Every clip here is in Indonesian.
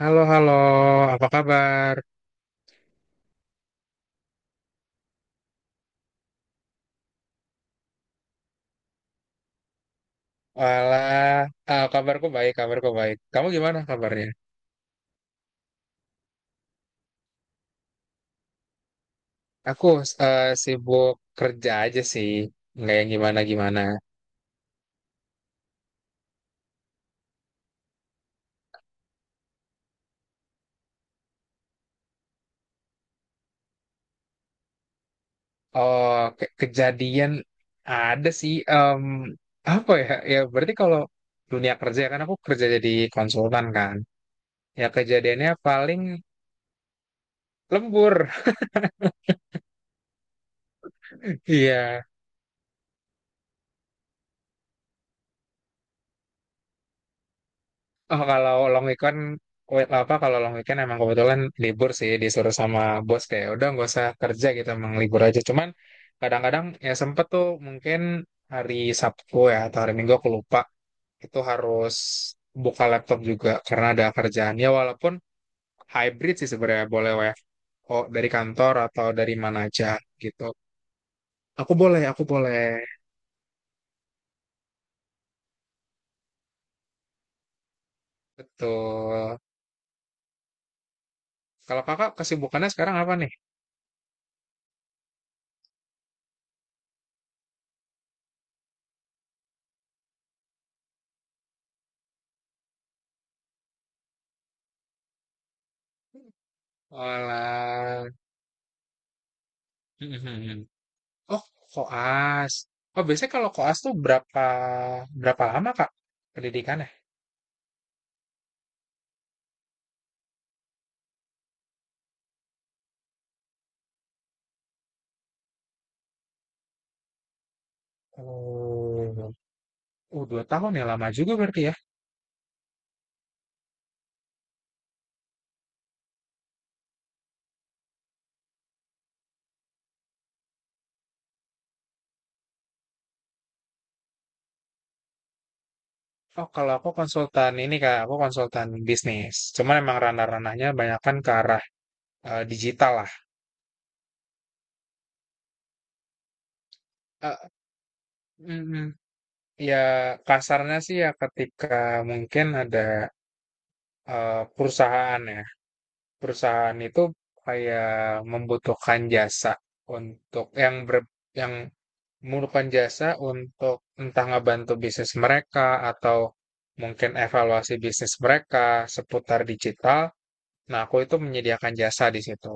Halo, halo, apa kabar? Walah, ah, kabarku baik, kabarku baik. Kamu gimana kabarnya? Aku sibuk kerja aja sih, nggak yang gimana-gimana. Oh, kejadian ada sih, apa ya? Ya berarti kalau dunia kerja kan aku kerja jadi konsultan kan. Ya kejadiannya paling lembur. Iya. Oh, kalau long weekend, wait, apa kalau long weekend emang kebetulan libur sih disuruh sama bos kayak "Ya udah nggak usah kerja gitu emang libur aja. Cuman kadang-kadang ya sempet tuh mungkin hari Sabtu ya atau hari Minggu aku lupa itu harus buka laptop juga karena ada kerjaan ya walaupun hybrid sih sebenarnya boleh WFO dari kantor atau dari mana aja gitu. Aku boleh, aku boleh. Betul. Kalau kakak kesibukannya sekarang apa nih? Olah. Oh, koas. Oh, biasanya kalau koas tuh berapa berapa lama, Kak, pendidikannya? Oh, oh 2 tahun ya lama juga berarti ya. Oh, kalau aku konsultan ini Kak, aku konsultan bisnis. Cuman emang ranah-ranahnya banyakkan ke arah digital lah. Eh, mm, Ya kasarnya sih ya ketika mungkin ada perusahaan ya. Perusahaan itu kayak membutuhkan jasa untuk yang memerlukan jasa untuk entah ngebantu bisnis mereka atau mungkin evaluasi bisnis mereka seputar digital. Nah, aku itu menyediakan jasa di situ.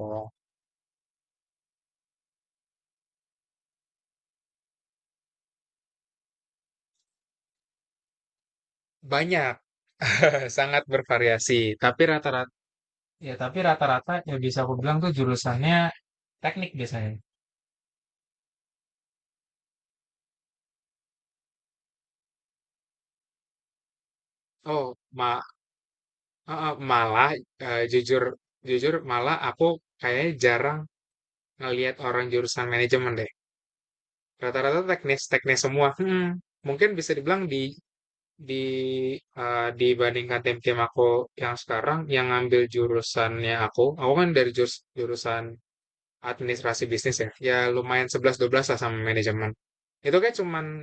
Banyak, sangat bervariasi. Tapi rata-rata ya bisa aku bilang tuh jurusannya teknik biasanya. Oh, ma eh, eh, malah eh, jujur jujur malah aku kayaknya jarang ngelihat orang jurusan manajemen deh. Rata-rata teknis teknis semua. Hmm, mungkin bisa dibilang Di dibandingkan tim-tim aku yang sekarang, yang ngambil jurusannya aku kan dari jurusan administrasi bisnis ya, ya lumayan sebelas dua belas lah sama manajemen. Itu kayak cuman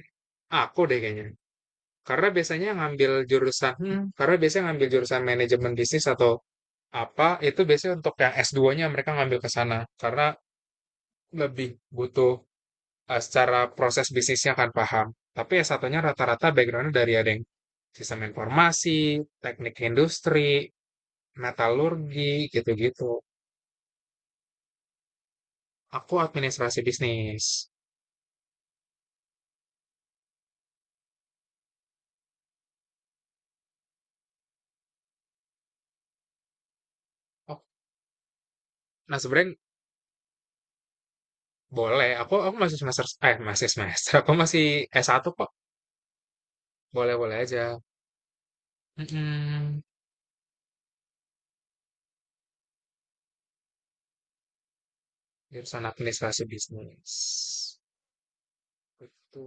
aku deh kayaknya. Karena biasanya ngambil jurusan manajemen bisnis atau apa, itu biasanya untuk yang S2-nya mereka ngambil ke sana. Karena lebih butuh secara proses bisnisnya akan paham. Tapi S1-nya rata-rata background-nya dari ada yang sistem informasi, teknik industri, metalurgi, gitu-gitu. Aku administrasi bisnis. Oh, nah sebenarnya boleh. Aku masih semester. Aku masih S1 kok. Boleh-boleh aja. Mm-mm. Jurusan administrasi bisnis. Itu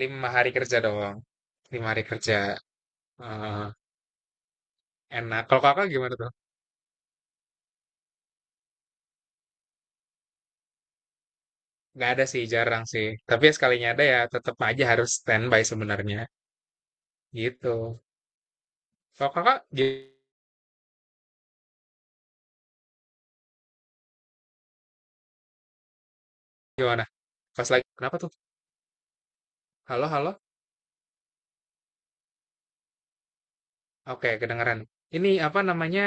5 hari kerja doang. 5 hari kerja. Eh, enak. Kalau kakak gimana tuh? Nggak ada sih, jarang sih. Tapi ya sekalinya ada ya tetap aja harus standby sebenarnya. Gitu. Kalau kakak gimana? Pas lagi, kenapa tuh? Halo, halo? Oke, kedengeran. Ini apa namanya,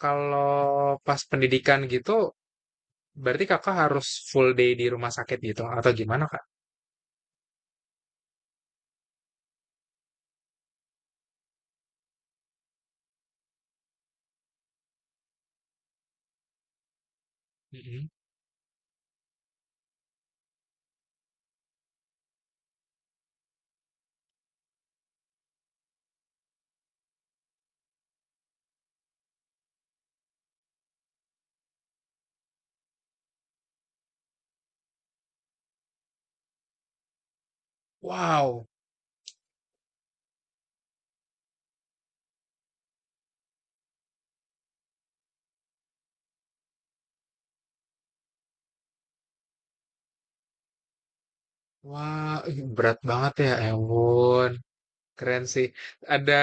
kalau pas pendidikan gitu, berarti kakak harus full day di rumah sakit gitu? Atau gimana, Kak? Mm-mm. Wow. Wah, ih, berat banget ya, Ewon. Keren sih. Ada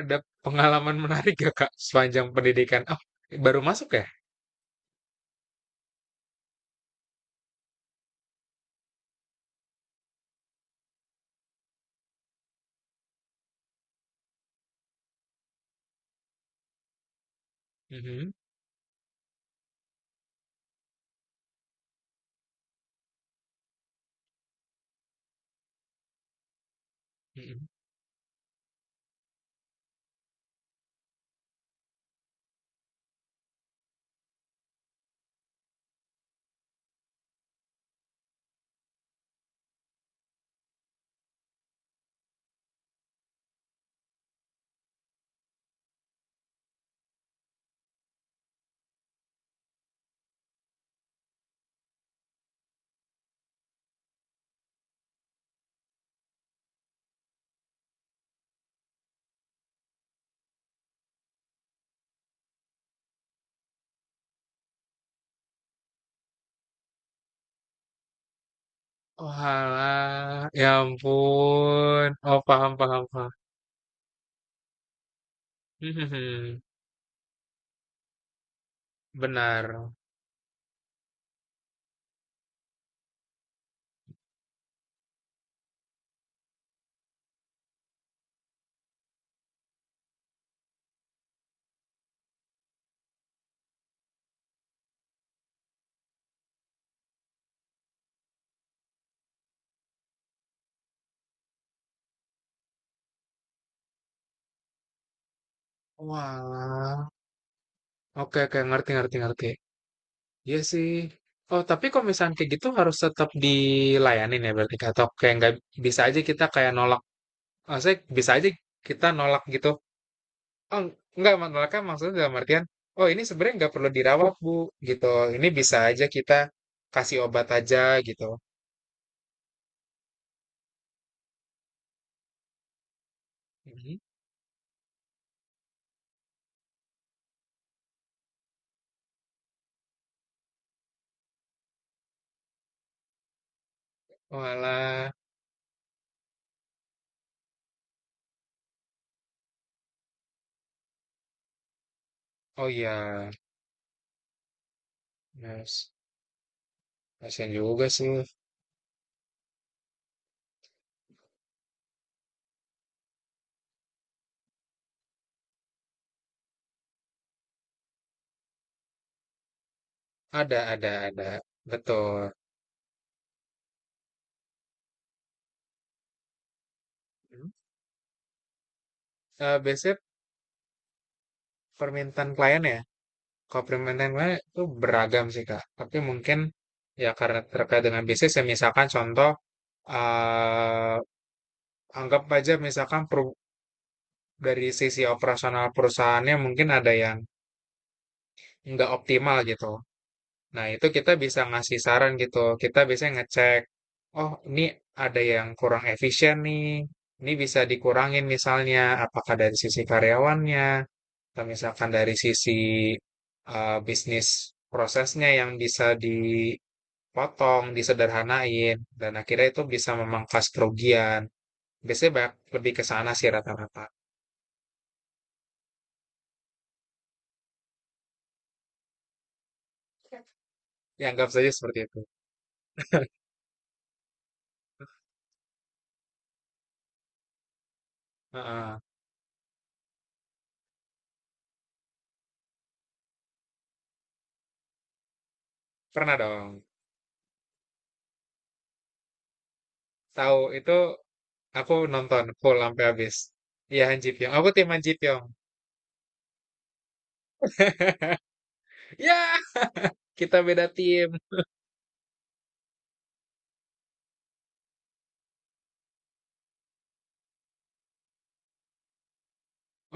ada pengalaman menarik gak, Kak, sepanjang pendidikan? Oh, baru masuk ya? Mhm. Mhm. Oalah, ya ampun. Oh, paham, paham, paham. Hmm, hmm, hmm. Benar. Walah. Oke, oke, ngerti, ngerti, ngerti. Iya sih. Oh, tapi kalau misalnya kayak gitu harus tetap dilayanin ya berarti Kak? Atau kayak nggak bisa aja kita kayak nolak. Maksudnya bisa aja kita nolak gitu. Oh, enggak, nolaknya maksudnya dalam artian, oh ini sebenarnya nggak perlu dirawat, Bu, gitu. Ini bisa aja kita kasih obat aja gitu. Mhm. Walah. Oh iya. Yes. Kasihan juga sih. Ada, ada. Betul. Mhm. Biasanya permintaan klien ya. Kalau permintaan klien itu beragam sih, Kak. Tapi mungkin ya karena terkait dengan bisnis ya misalkan contoh eh anggap aja misalkan dari sisi operasional perusahaannya mungkin ada yang nggak optimal gitu. Nah, itu kita bisa ngasih saran gitu. Kita biasanya ngecek, oh ini ada yang kurang efisien nih. Ini bisa dikurangin misalnya, apakah dari sisi karyawannya, atau misalkan dari sisi bisnis prosesnya yang bisa dipotong, disederhanain, dan akhirnya itu bisa memangkas kerugian. Biasanya banyak lebih ke sana sih rata-rata. Dianggap saja seperti itu. Heeh. Pernah dong. Tahu itu. Aku nonton full sampai habis. Iya Han Ji Pyong. Aku tim Han Ji Pyong. Ya, kita beda tim.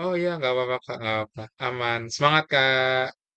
Oh iya, nggak apa-apa kak, nggak apa-apa. Aman. Semangat kak.